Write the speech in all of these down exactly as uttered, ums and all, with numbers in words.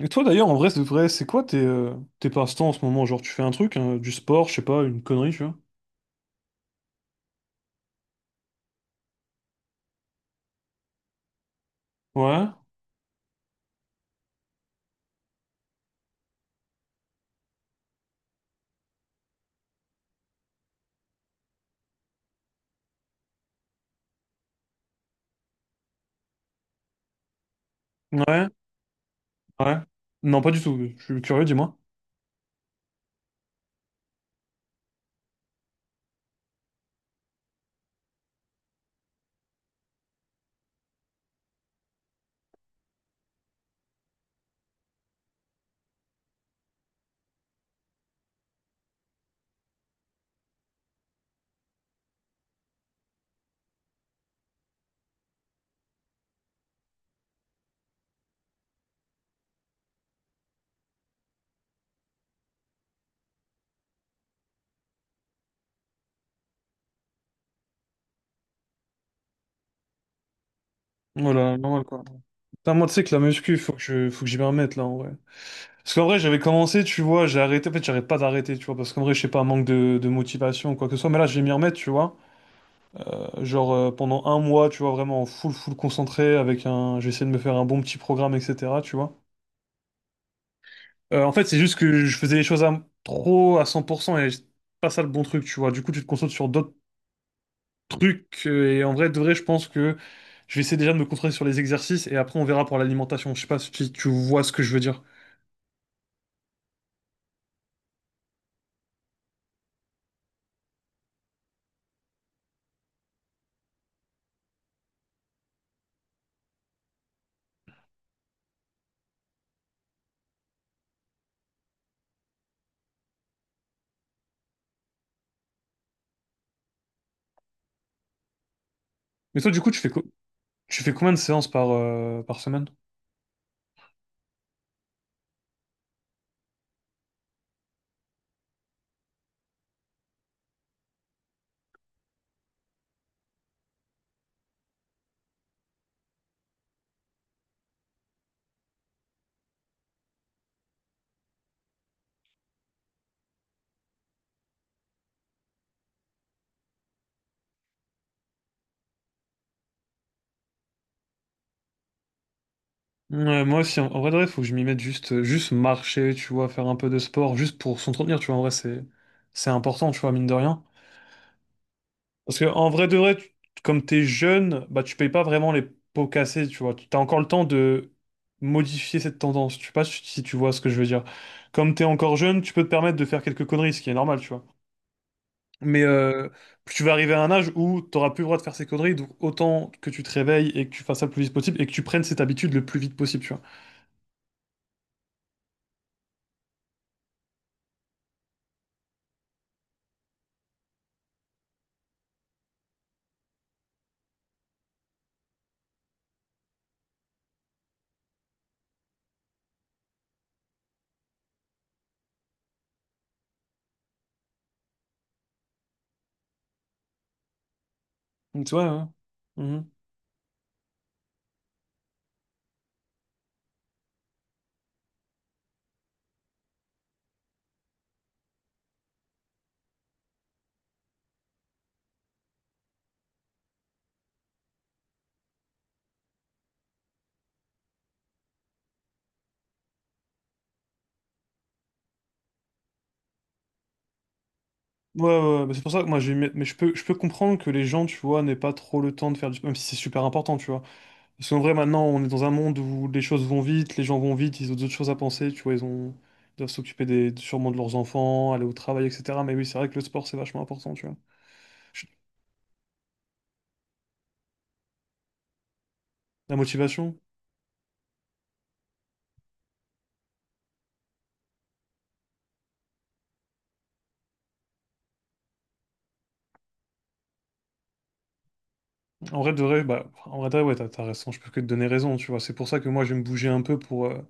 Et toi d'ailleurs, en vrai, c'est vrai, c'est quoi tes, euh, tes passe-temps en ce moment? Genre, tu fais un truc, hein, du sport, je sais pas, une connerie, tu vois? Ouais, ouais, ouais. Non, pas du tout. Je suis curieux, dis-moi. Voilà, normal quoi. Putain, moi, tu sais que la muscu, faut que je, faut que j'y me remette là, en vrai. Parce qu'en vrai, j'avais commencé, tu vois, j'ai arrêté. En fait, j'arrête pas d'arrêter, tu vois, parce qu'en vrai, je sais pas, manque de, de motivation ou quoi que ce soit. Mais là, je vais m'y remettre, tu vois. Euh, Genre, euh, pendant un mois, tu vois, vraiment full, full concentré avec un. J'ai essayé de me faire un bon petit programme, et cetera, tu vois. Euh, en fait, c'est juste que je faisais les choses à, trop à cent pour cent et c'est pas ça le bon truc, tu vois. Du coup, tu te concentres sur d'autres trucs euh, et en vrai, de vrai, je pense que je vais essayer déjà de me concentrer sur les exercices et après, on verra pour l'alimentation. Je sais pas si tu tu vois ce que je veux dire. Mais toi, du coup, tu fais, co- tu fais combien de séances par, euh, par semaine? Ouais, moi aussi, en, en vrai, de vrai, faut que je m'y mette juste, euh, juste marcher, tu vois, faire un peu de sport, juste pour s'entretenir, tu vois. En vrai, c'est, c'est important, tu vois, mine de rien. Parce que en vrai de vrai, tu- comme t'es jeune, bah tu payes pas vraiment les pots cassés, tu vois. T'as encore le temps de modifier cette tendance. Je sais pas si si tu vois ce que je veux dire. Comme t'es encore jeune, tu peux te permettre de faire quelques conneries, ce qui est normal, tu vois. Mais euh, tu vas arriver à un âge où t'auras plus le droit de faire ces conneries, donc autant que tu te réveilles et que tu fasses ça le plus vite possible et que tu prennes cette habitude le plus vite possible, tu vois. Donc, tu Ouais. Mhm. Ouais, ouais, ouais, bah, c'est pour ça que moi j'ai mais je peux je peux comprendre que les gens, tu vois, n'aient pas trop le temps de faire du, même si c'est super important, tu vois, parce qu'en vrai maintenant on est dans un monde où les choses vont vite, les gens vont vite, ils ont d'autres choses à penser, tu vois, ils ont ils doivent s'occuper des, sûrement, de leurs enfants, aller au travail, etc. Mais oui, c'est vrai que le sport, c'est vachement important, tu vois. Je- la motivation. En vrai de vrai, bah en vrai de vrai, ouais, t'as t'as raison, je peux que te donner raison, tu vois. C'est pour ça que moi je vais me bouger un peu pour euh,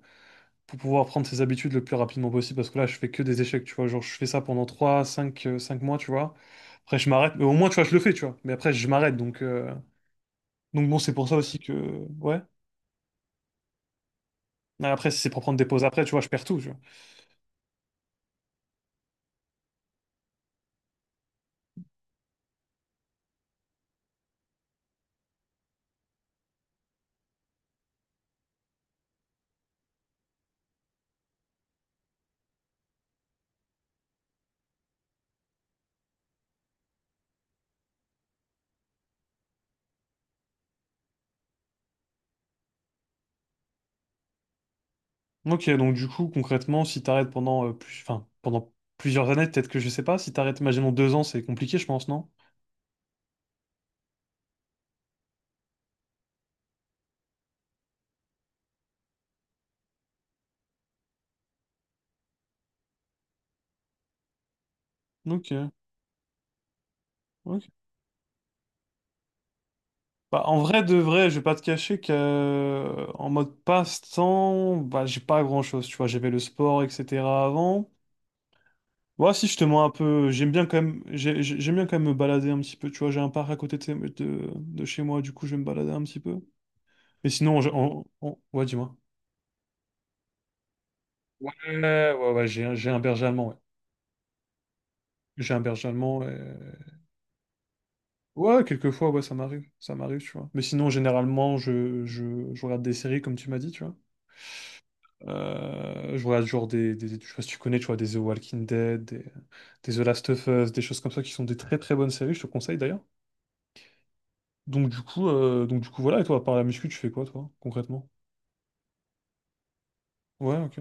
pour pouvoir prendre ses habitudes le plus rapidement possible, parce que là je fais que des échecs, tu vois, genre je fais ça pendant trois cinq euh, cinq mois, tu vois, après je m'arrête. Mais au moins, tu vois, je le fais, tu vois, mais après je m'arrête. Donc euh, donc bon, c'est pour ça aussi que ouais. Mais après, si c'est pour prendre des pauses après, tu vois, je perds tout, tu vois. Ok, donc du coup, concrètement, si t'arrêtes pendant, euh, plus- enfin, pendant plusieurs années, peut-être que, je sais pas, si t'arrêtes, imaginons deux ans, c'est compliqué, je pense, non? Ok, ok, Bah, en vrai de vrai, je vais pas te cacher que, euh, en mode passe-temps, bah j'ai pas grand-chose, tu vois, j'avais le sport, et cetera avant. Ouais, si je te mens un peu, j'aime bien quand même, j'ai- j'ai- j'aime bien quand même me balader un petit peu, tu vois, j'ai un parc à côté de, de, de chez moi, du coup, je vais me balader un petit peu. Mais sinon, je- on, on- ouais, dis-moi. Ouais, ouais, ouais, j'ai un, j'ai un berger allemand, ouais. J'ai un berger allemand, et... ouais, quelquefois, ouais, ça m'arrive, ça m'arrive, tu vois. Mais sinon, généralement, je, je, je regarde des séries, comme tu m'as dit, tu vois. Euh, je vois genre des, des- je sais pas si tu connais, tu vois, des The Walking Dead, des, des The Last of Us, des choses comme ça qui sont des très très bonnes séries, je te conseille d'ailleurs. Donc du coup, euh, donc du coup voilà, et toi, à part la muscu, tu fais quoi toi, concrètement? Ouais, ok.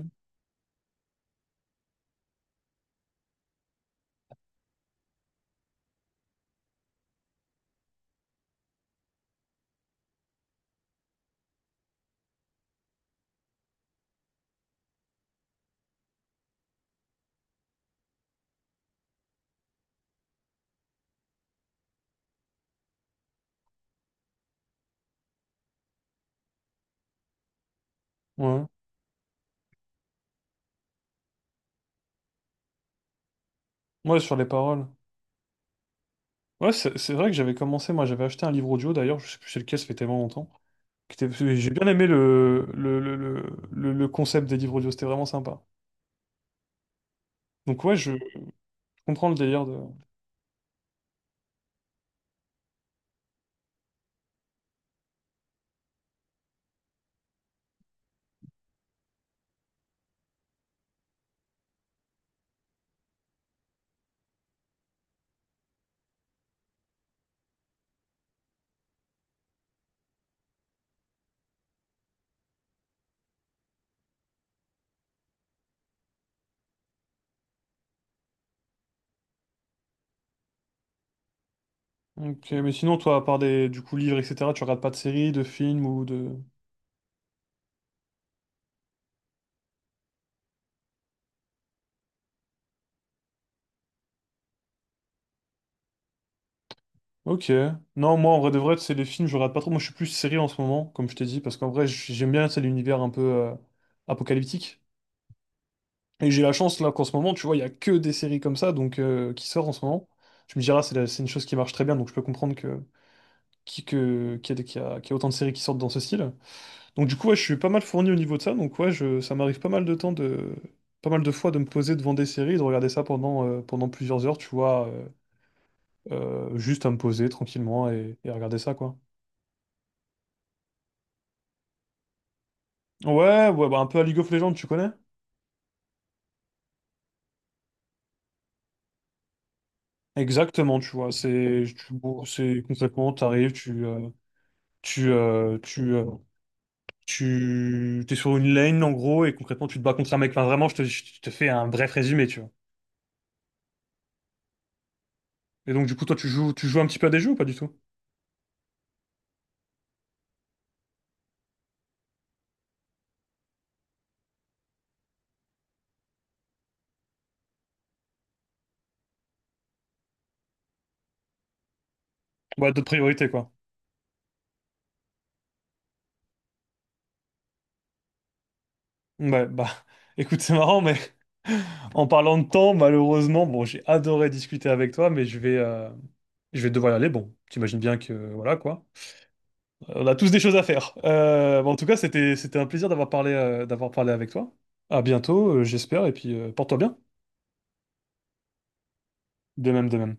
Ouais. Ouais, sur les paroles. Ouais, c'est c'est vrai que j'avais commencé, moi j'avais acheté un livre audio d'ailleurs, je sais plus c'est lequel, ça fait tellement longtemps. qui était- J'ai bien aimé le, le, le, le, le- le concept des livres audio, c'était vraiment sympa. Donc ouais, je comprends le délire de... Ok, mais sinon, toi, à part des, du coup, livres, et cetera, tu regardes pas de séries, de films ou de... Ok. Non, moi, en vrai de vrai, c'est les films, je regarde pas trop. Moi, je suis plus série en ce moment, comme je t'ai dit, parce qu'en vrai, j- j'aime bien, c'est l'univers un peu euh, apocalyptique. Et j'ai la chance, là, qu'en ce moment, tu vois, il y a que des séries comme ça, donc euh, qui sortent en ce moment. Je me dirais, ah, c'est la- c'est une chose qui marche très bien, donc je peux comprendre que, qui- que, qu'il y a, des- qu'il y a, qu'il y a autant de séries qui sortent dans ce style. Donc, du coup, ouais, je suis pas mal fourni au niveau de ça, donc ouais, je, ça m'arrive pas mal de temps de. Pas mal de fois de me poser devant des séries et de regarder ça pendant, euh, pendant plusieurs heures, tu vois, euh, euh, juste à me poser tranquillement et, et à regarder ça, quoi. Ouais, ouais, bah un peu à League of Legends, tu connais? Exactement, tu vois. C'est, tu- bon, c'est concrètement, t'arrives, tu, euh, tu, euh, tu, euh, tu, t'es sur une lane en gros, et concrètement, tu te bats contre un mec. Enfin, vraiment, je te, je te fais un bref résumé, tu vois. Et donc, du coup, toi, tu joues, tu joues un petit peu à des jeux ou pas du tout? Ouais, d'autres priorités, quoi. Ouais, bah, écoute, c'est marrant, mais en parlant de temps, malheureusement, bon, j'ai adoré discuter avec toi, mais je vais, euh, je vais devoir y aller. Bon, t'imagines bien que, euh, voilà, quoi. On a tous des choses à faire. Euh, bon, en tout cas, c'était, c'était un plaisir d'avoir parlé, euh, d'avoir parlé avec toi. À bientôt, euh, j'espère, et puis euh, porte-toi bien. De même, de même.